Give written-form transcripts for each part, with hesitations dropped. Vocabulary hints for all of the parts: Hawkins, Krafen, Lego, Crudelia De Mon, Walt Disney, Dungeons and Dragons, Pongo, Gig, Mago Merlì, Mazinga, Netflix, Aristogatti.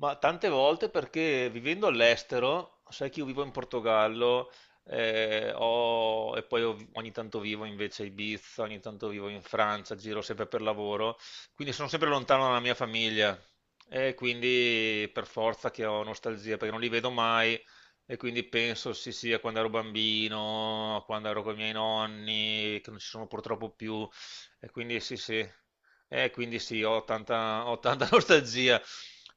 Ma tante volte perché vivendo all'estero, sai che io vivo in Portogallo, ogni tanto vivo invece a Ibiza, ogni tanto vivo in Francia, giro sempre per lavoro, quindi sono sempre lontano dalla mia famiglia e quindi per forza che ho nostalgia perché non li vedo mai, e quindi penso sì sì a quando ero bambino, a quando ero con i miei nonni, che non ci sono purtroppo più, e quindi sì sì. Quindi sì, ho tanta nostalgia.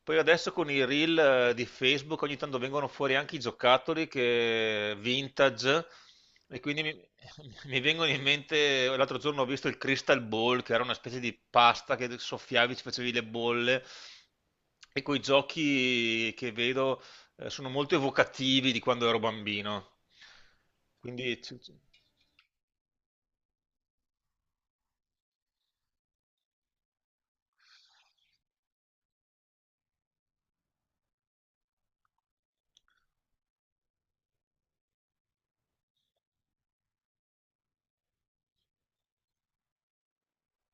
Poi adesso con i reel di Facebook ogni tanto vengono fuori anche i giocattoli che vintage, e quindi mi, mi vengono in mente, l'altro giorno ho visto il Crystal Ball che era una specie di pasta che soffiavi, ci facevi le bolle, e quei giochi che vedo sono molto evocativi di quando ero bambino. Quindi, ci- ci-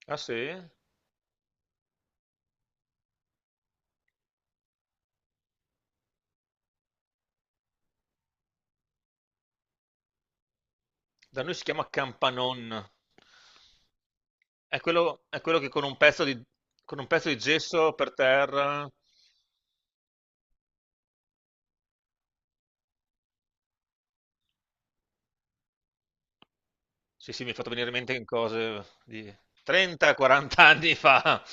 ah sì? Da noi si chiama Campanon. È quello che con un pezzo di, con un pezzo di gesso per terra. Sì, sì, mi hai fatto venire in mente cose di 30-40 anni fa.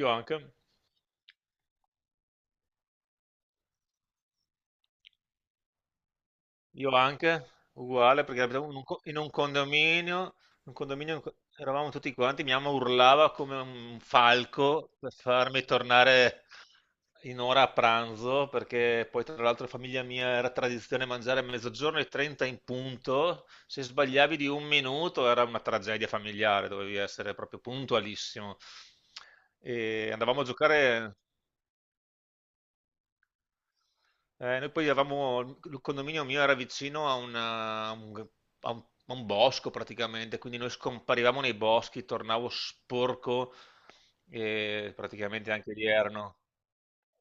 Io anche. Io anche, uguale, perché abitavo in un condominio in cui eravamo tutti quanti, mia mamma urlava come un falco per farmi tornare in ora a pranzo, perché poi tra l'altro in famiglia mia era tradizione mangiare a mezzogiorno e 30 in punto, se sbagliavi di un minuto era una tragedia familiare, dovevi essere proprio puntualissimo. E andavamo a giocare. Noi poi avevamo, il condominio mio era vicino a, una- a un, a un- a un bosco praticamente, quindi noi scomparivamo nei boschi, tornavo sporco e praticamente anche lì erano,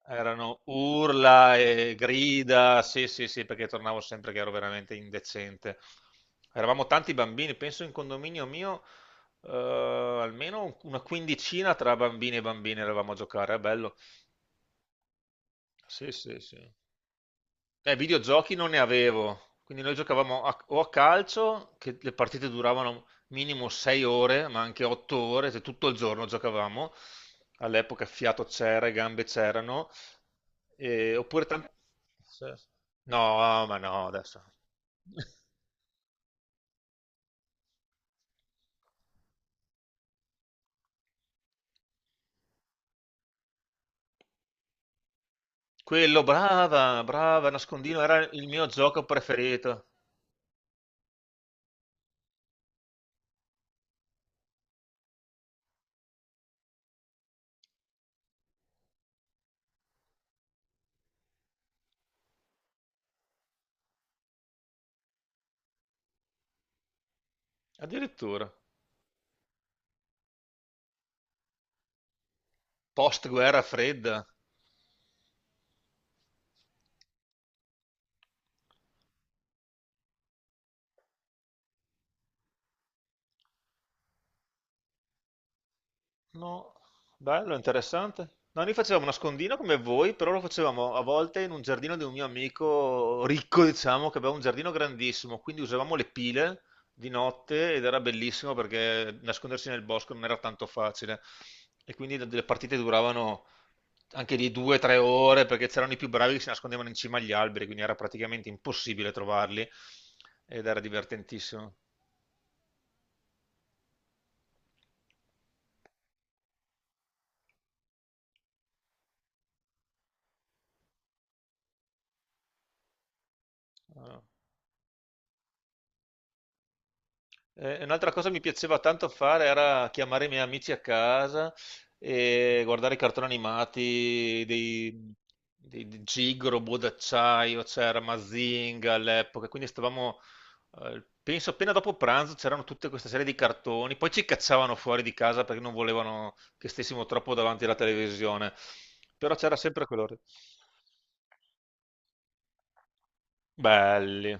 erano urla e grida, sì sì sì, perché tornavo sempre che ero veramente indecente. Eravamo tanti bambini, penso in condominio mio almeno una quindicina tra bambini e bambine eravamo a giocare, è bello. Sì, sì, sì. Videogiochi non ne avevo, quindi noi giocavamo a- o a calcio, che le partite duravano minimo 6 ore, ma anche 8 ore, se tutto il giorno giocavamo, all'epoca fiato c'era, e gambe c'erano, oppure tanti. No, ma no, adesso. Quello, brava, brava, nascondino, era il mio gioco preferito, addirittura, post guerra fredda. No, bello, interessante. No, noi facevamo nascondino come voi, però lo facevamo a volte in un giardino di un mio amico ricco, diciamo, che aveva un giardino grandissimo, quindi usavamo le pile di notte ed era bellissimo perché nascondersi nel bosco non era tanto facile. E quindi le partite duravano anche lì due o tre ore perché c'erano i più bravi che si nascondevano in cima agli alberi, quindi era praticamente impossibile trovarli ed era divertentissimo. Ah. Un'altra cosa che mi piaceva tanto fare era chiamare i miei amici a casa e guardare i cartoni animati di Gig, Robot d'acciaio, c'era Mazinga all'epoca, quindi stavamo, penso appena dopo pranzo c'erano tutta questa serie di cartoni, poi ci cacciavano fuori di casa perché non volevano che stessimo troppo davanti alla televisione, però c'era sempre quell'ora. Belli,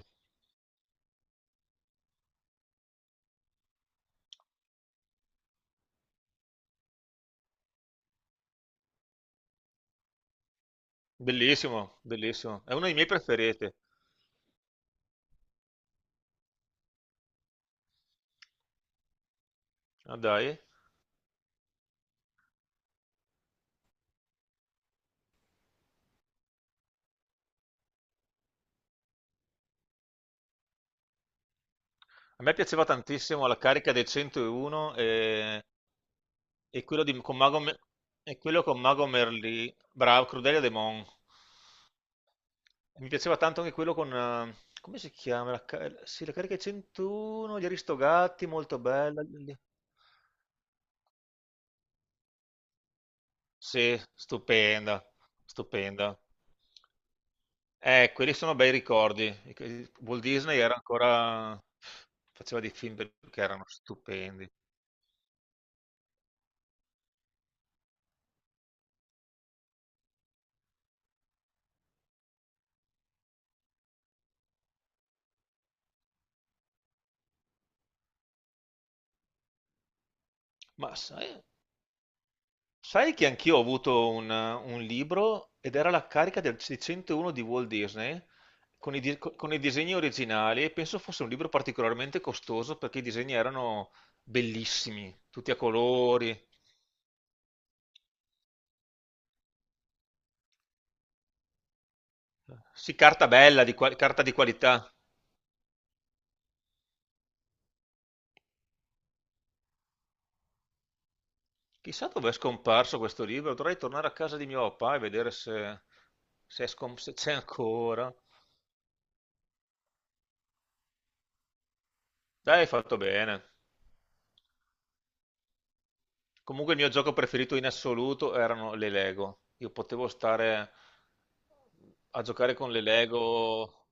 bellissimo, bellissimo, è uno dei miei preferiti. Ah, dai. A me piaceva tantissimo la carica dei 101 e quello, di- con Mago, Me- e quello con Mago Merlì, bravo, Crudelia De Mon. Mi piaceva tanto anche quello con, come si chiama? Sì, la carica dei 101, gli Aristogatti, molto bella. Sì, stupenda, stupenda. Quelli sono bei ricordi. Walt Disney era ancora, faceva dei film che erano stupendi. Ma sai... Sai che anch'io ho avuto un libro ed era la carica del 601 di Walt Disney con i disegni originali, e penso fosse un libro particolarmente costoso perché i disegni erano bellissimi, tutti a colori. Sì, carta bella, carta di qualità. Chissà dove è scomparso questo libro, dovrei tornare a casa di mio papà e vedere se, se c'è ancora. Dai, hai fatto bene. Comunque il mio gioco preferito in assoluto erano le Lego. Io potevo stare a giocare con le Lego.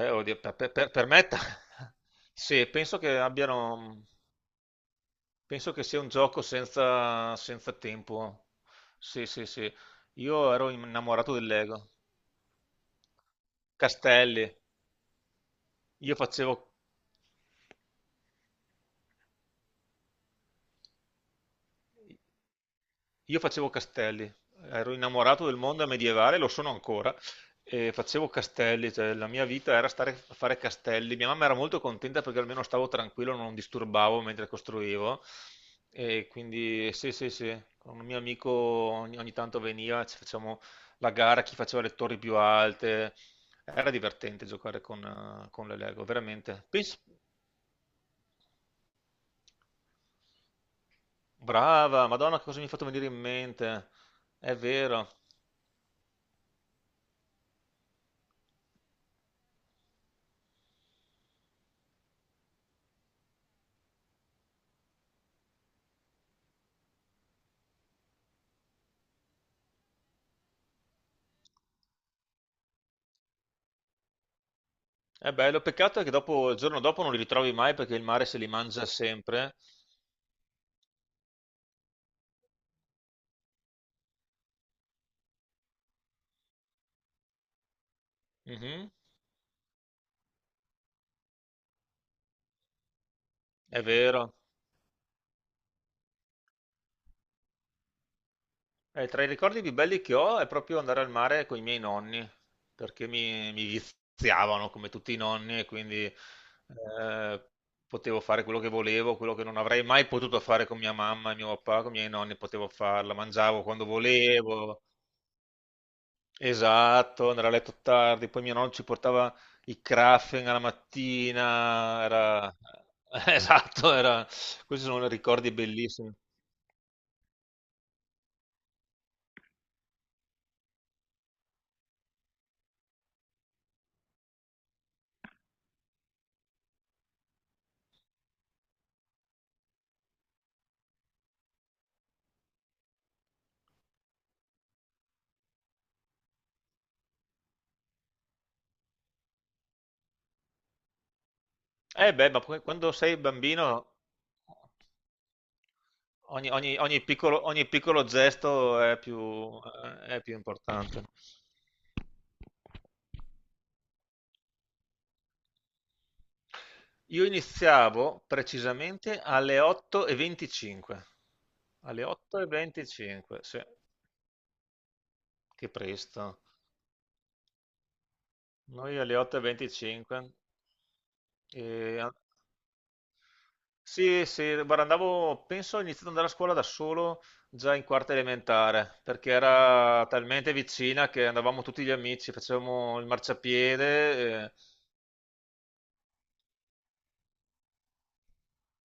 Oddio, per me, sì, penso che sia un gioco senza, senza tempo. Sì, sì, sì. Io ero innamorato del Lego. Castelli. Io facevo Io facevo castelli, ero innamorato del mondo medievale, lo sono ancora, e facevo castelli, cioè la mia vita era stare a fare castelli. Mia mamma era molto contenta perché almeno stavo tranquillo, non disturbavo mentre costruivo. E quindi sì, sì, sì, con un mio amico ogni tanto veniva, ci facciamo la gara, chi faceva le torri più alte. Era divertente giocare con le Lego, veramente. Pens- Brava, Madonna, che cosa mi hai fatto venire in mente? È vero. È bello, peccato è che dopo, il giorno dopo non li ritrovi mai perché il mare se li mangia sempre. Mhm. È vero. Tra i ricordi più belli che ho è proprio andare al mare con i miei nonni, perché mi viziavano come tutti i nonni e quindi potevo fare quello che volevo, quello che non avrei mai potuto fare con mia mamma e mio papà, con i miei nonni potevo farla, mangiavo quando volevo. Esatto, andare a letto tardi, poi mio nonno ci portava i Krafen alla mattina, era, esatto, era, questi sono ricordi bellissimi. Beh ma poi quando sei bambino ogni piccolo gesto è più importante. Io iniziavo precisamente alle 8:25. Alle 8:25, sì, che presto. Noi alle 8:25. E venticinque. Sì, sì, guarda, andavo, penso ho iniziato ad andare a scuola da solo già in quarta elementare, perché era talmente vicina che andavamo tutti gli amici, facevamo il marciapiede.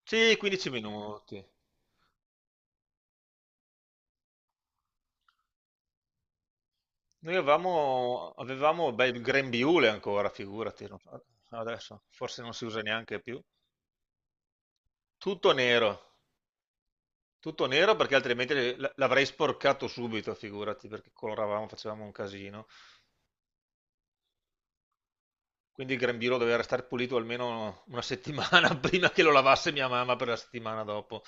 Sì, 15 minuti. Noi avevamo, avevamo beh, il grembiule ancora, figurati, non- so, adesso forse non si usa neanche più. Tutto nero, tutto nero perché altrimenti l'avrei sporcato subito, figurati, perché coloravamo, facevamo un casino. Quindi il grembiule doveva restare pulito almeno una settimana prima che lo lavasse mia mamma per la settimana dopo.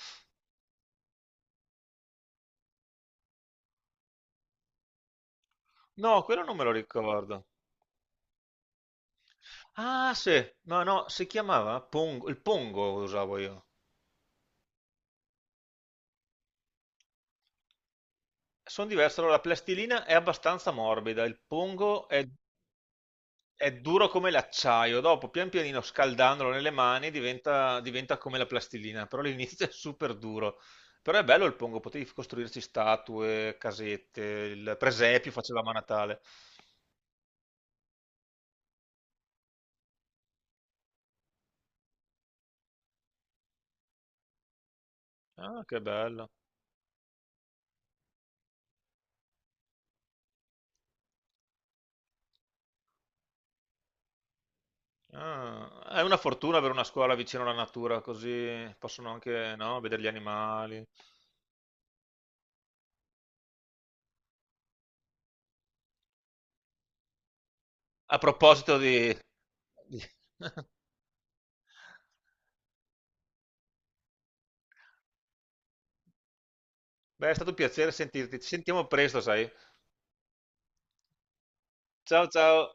No, quello non me lo ricordo. Ah, sì, no, no, si chiamava Pongo, il Pongo usavo io. Sono diverso, allora la plastilina è abbastanza morbida, il Pongo è duro come l'acciaio, dopo pian pianino scaldandolo nelle mani diventa, diventa come la plastilina, però all'inizio è super duro. Però è bello il Pongo, potevi costruirci statue, casette, il presepio facevamo a Natale. Ah, che bello. Ah, è una fortuna avere una scuola vicino alla natura, così possono anche, no, vedere gli animali. A proposito di. di- Beh, è stato un piacere sentirti. Ci sentiamo presto, sai. Ciao, ciao.